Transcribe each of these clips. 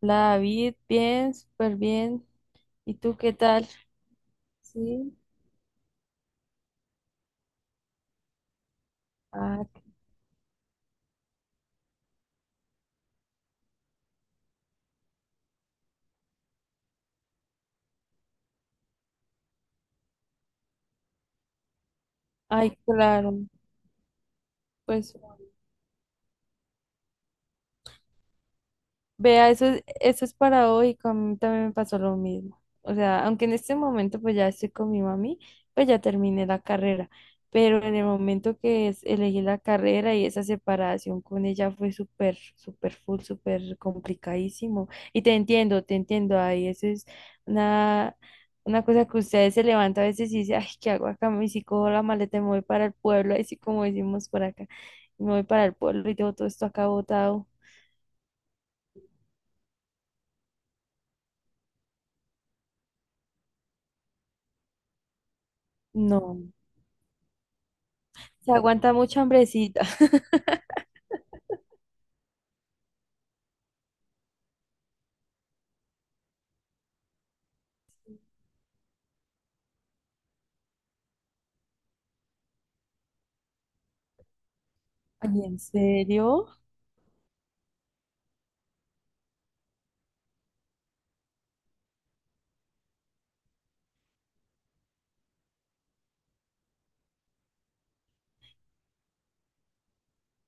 Hola David, bien, súper bien. ¿Y tú qué tal? Sí. Ah, ay, claro. Pues vea, eso es paradójico, a mí también me pasó lo mismo. O sea, aunque en este momento pues ya estoy con mi mami, pues ya terminé la carrera, pero en el momento que elegí la carrera y esa separación con ella fue súper, súper full, súper complicadísimo. Y te entiendo, ahí eso es una, una cosa que ustedes se levantan a veces y dicen, ay, ¿qué hago acá? Y si cojo la maleta y me voy para el pueblo, así como decimos por acá, me voy para el pueblo y tengo todo esto acá botado. No. Se aguanta mucha hambrecita. Ay, ¿en serio?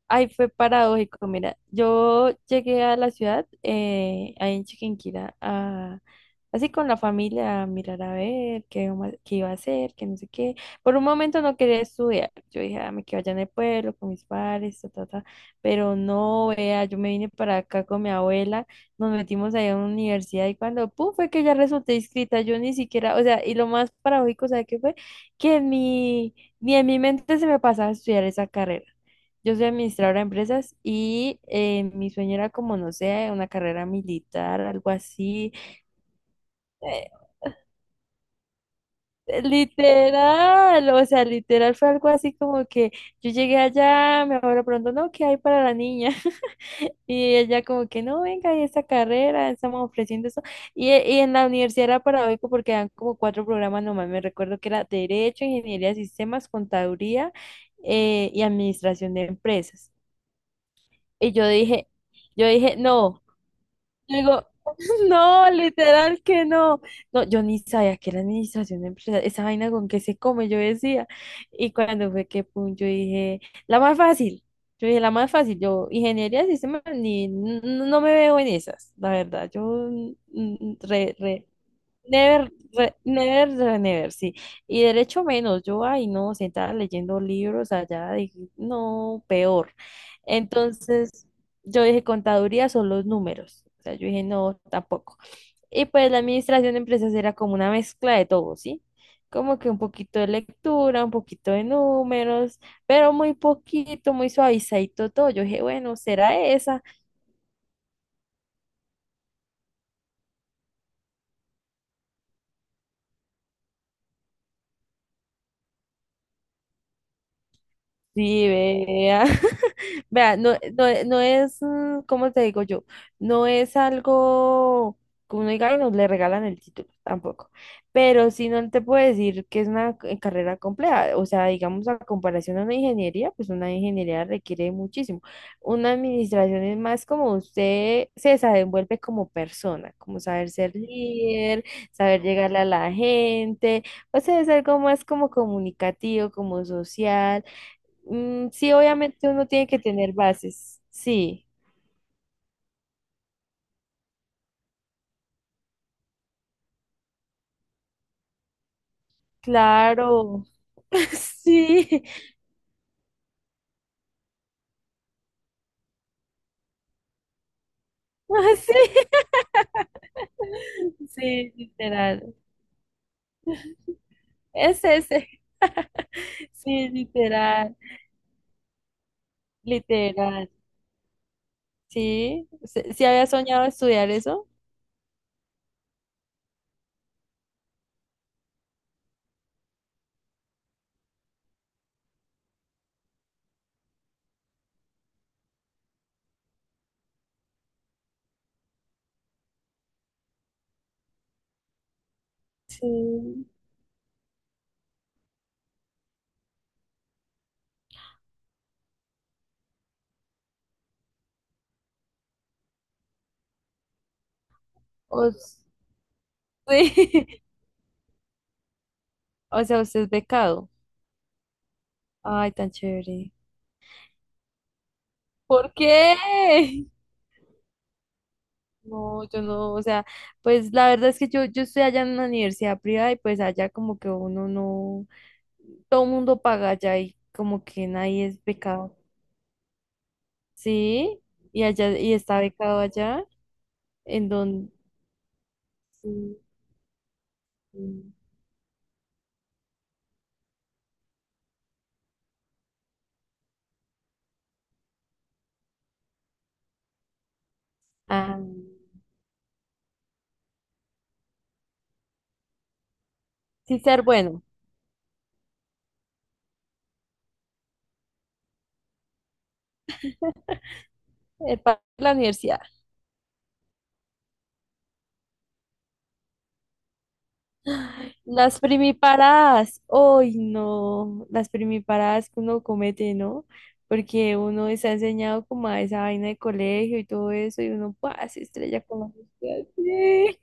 Ay, fue paradójico. Mira, yo llegué a la ciudad, ahí en Chiquinquirá, así con la familia, a mirar a ver qué, vamos qué iba a hacer, qué no sé qué. Por un momento no quería estudiar. Yo dije, ah, me quedo allá en el pueblo con mis padres, ta, ta, ta. Pero no, vea, yo me vine para acá con mi abuela, nos metimos ahí a una universidad y cuando, pum, fue que ya resulté inscrita. Yo ni siquiera, o sea, y lo más paradójico, ¿sabe qué fue? Que en mi, Ni en mi mente se me pasaba estudiar esa carrera. Yo soy administradora de empresas y mi sueño era como, no sé, una carrera militar, algo así. Eh, literal, o sea, literal fue algo así como que yo llegué allá, me abuela pronto, no, ¿qué hay para la niña? Y ella como que, no, venga, hay esta carrera, estamos ofreciendo eso. Y en la universidad era paradójico porque dan como cuatro programas nomás, me recuerdo que era Derecho, Ingeniería de Sistemas, Contaduría, y Administración de Empresas. Y yo dije... Yo dije, no. Yo digo, no, literal que no. No, yo ni sabía que era administración empresarial. Esa vaina con que se come, yo decía. Y cuando fue que pum, yo dije, la más fácil. Yo dije, la más fácil. Yo, ingeniería de sistemas, ni, n- no me veo en esas, la verdad. Yo, re, re. Never, never, never, sí. Y derecho menos, yo, ay, no, sentada leyendo libros allá, dije, no, peor. Entonces, yo dije, contaduría son los números. O sea, yo dije, no, tampoco. Y pues la administración de empresas era como una mezcla de todo, ¿sí? Como que un poquito de lectura, un poquito de números, pero muy poquito, muy suavizadito todo. Yo dije, bueno, será esa. Sí, vea. Vea, no, no, no es, ¿cómo te digo yo? No es algo que uno diga y no le regalan el título, tampoco. Pero si no te puedo decir que es una carrera compleja. O sea, digamos, a comparación a una ingeniería, pues una ingeniería requiere muchísimo. Una administración es más como usted se desenvuelve como persona, como saber ser líder, saber llegarle a la gente. O sea, es algo más como comunicativo, como social. Mm, sí, obviamente uno tiene que tener bases. Sí, claro. Sí, así. Sí, literal. Es ese. Sí, literal. Literal. Sí. ¿Sí sí había soñado estudiar eso? Sí. O, sí. O sea, usted es becado. Ay, tan chévere. ¿Por qué? No, yo no, o sea, pues la verdad es que yo estoy allá en una universidad privada y pues allá como que uno no, todo el mundo paga allá y como que nadie es becado. Sí, y allá, y está becado allá, en donde sí, sí. Ah, sí ser bueno, para la universidad. Las primiparadas, hoy no, las primiparadas que uno comete, ¿no? Porque uno está enseñado como a esa vaina de colegio y todo eso, y uno pues, se estrella con la sociedad.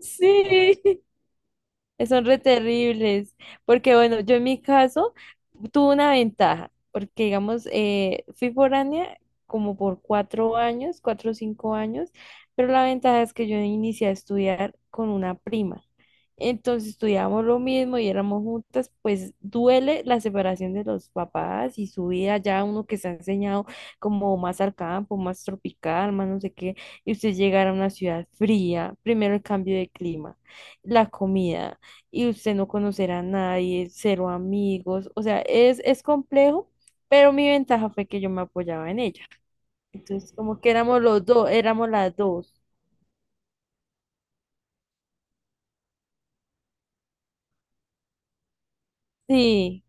Sí, sí. Son re terribles, porque bueno, yo en mi caso tuve una ventaja, porque digamos, fui foránea como por 4 años, 4 o 5 años, pero la ventaja es que yo inicié a estudiar con una prima. Entonces estudiábamos lo mismo y éramos juntas, pues duele la separación de los papás y su vida ya uno que se ha enseñado como más al campo, más tropical, más no sé qué, y usted llegar a una ciudad fría, primero el cambio de clima, la comida y usted no conocerá a nadie, cero amigos, o sea, es complejo, pero mi ventaja fue que yo me apoyaba en ella. Entonces, como que éramos los dos, éramos las dos. Sí.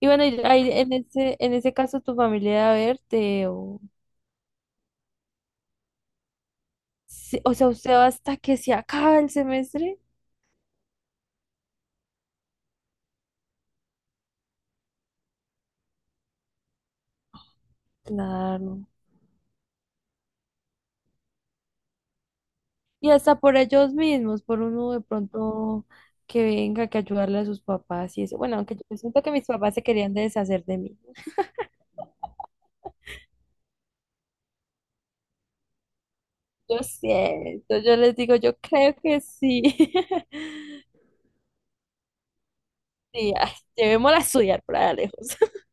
Y bueno, y ahí en ese caso tu familia va a verte o, sí, o sea, usted va hasta que se acaba el semestre. Claro. Y hasta por ellos mismos, por uno de pronto que venga, que ayudarle a sus papás y eso. Bueno, aunque yo siento que mis papás se querían deshacer de mí. Yo siento, yo les digo, yo creo que sí. Sí, ay, llevémosla a estudiar por allá lejos.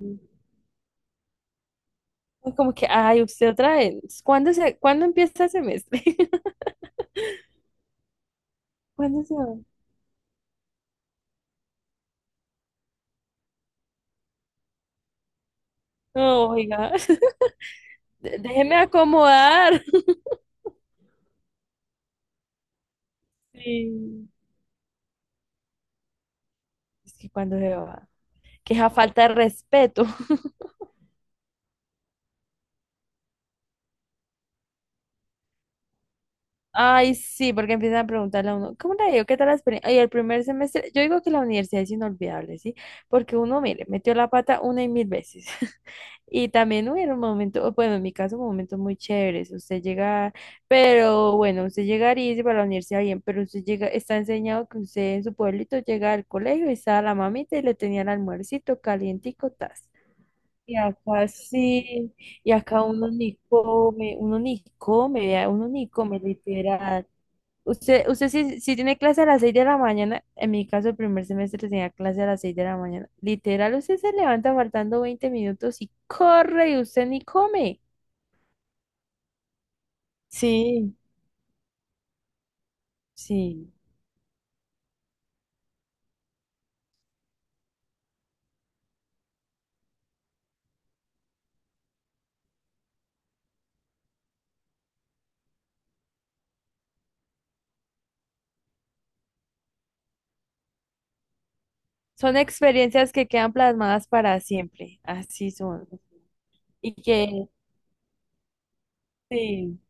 Mm. Es como que, ay, usted otra vez. ¿Cuándo empieza el semestre? ¿Cuándo se va? No, oiga, déjeme acomodar. Sí. Es que cuando se va. Que esa falta de respeto. Ay, sí, porque empiezan a preguntarle a uno, ¿cómo le digo? ¿Qué tal la experiencia? Ay, el primer semestre, yo digo que la universidad es inolvidable, ¿sí? Porque uno, mire, metió la pata una y mil veces. Y también hubieron momentos, o bueno, en mi caso, momentos muy chéveres. Usted llega, pero bueno, usted llegaría y dice para la universidad bien, pero usted llega, está enseñado que usted en su pueblito llega al colegio y estaba la mamita y le tenía el almuercito calientico, tas. Y acá sí, y acá uno ni come, vea, uno ni come, literal. Usted si tiene clase a las 6 de la mañana, en mi caso el primer semestre tenía clase a las 6 de la mañana. Literal, usted se levanta faltando 20 minutos y corre y usted ni come. Sí, sí. Son experiencias que quedan plasmadas para siempre. Así son. Y que sí.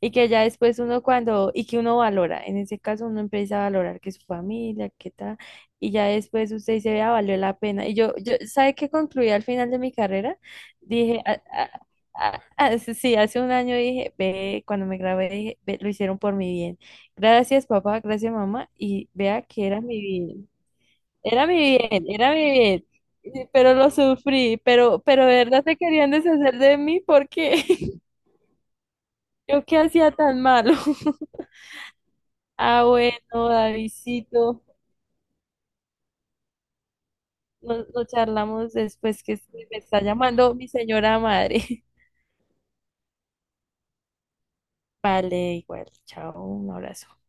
Y que ya después uno cuando, y que uno valora, en ese caso uno empieza a valorar que su familia, que tal, y ya después usted dice, vea, valió la pena. Y yo, ¿sabe qué concluí al final de mi carrera? Dije: "Ah, ah, ah, ah", sí, hace un año dije, ve, cuando me grabé, dije: "Ve, lo hicieron por mi bien. Gracias, papá, gracias, mamá, y vea que era mi bien, era mi bien, era mi bien". Pero lo sufrí, pero de verdad se querían deshacer de mí porque yo qué hacía tan malo. Ah, bueno, Davidcito, nos charlamos después que es que me está llamando mi señora madre. Vale, igual, chao, un abrazo.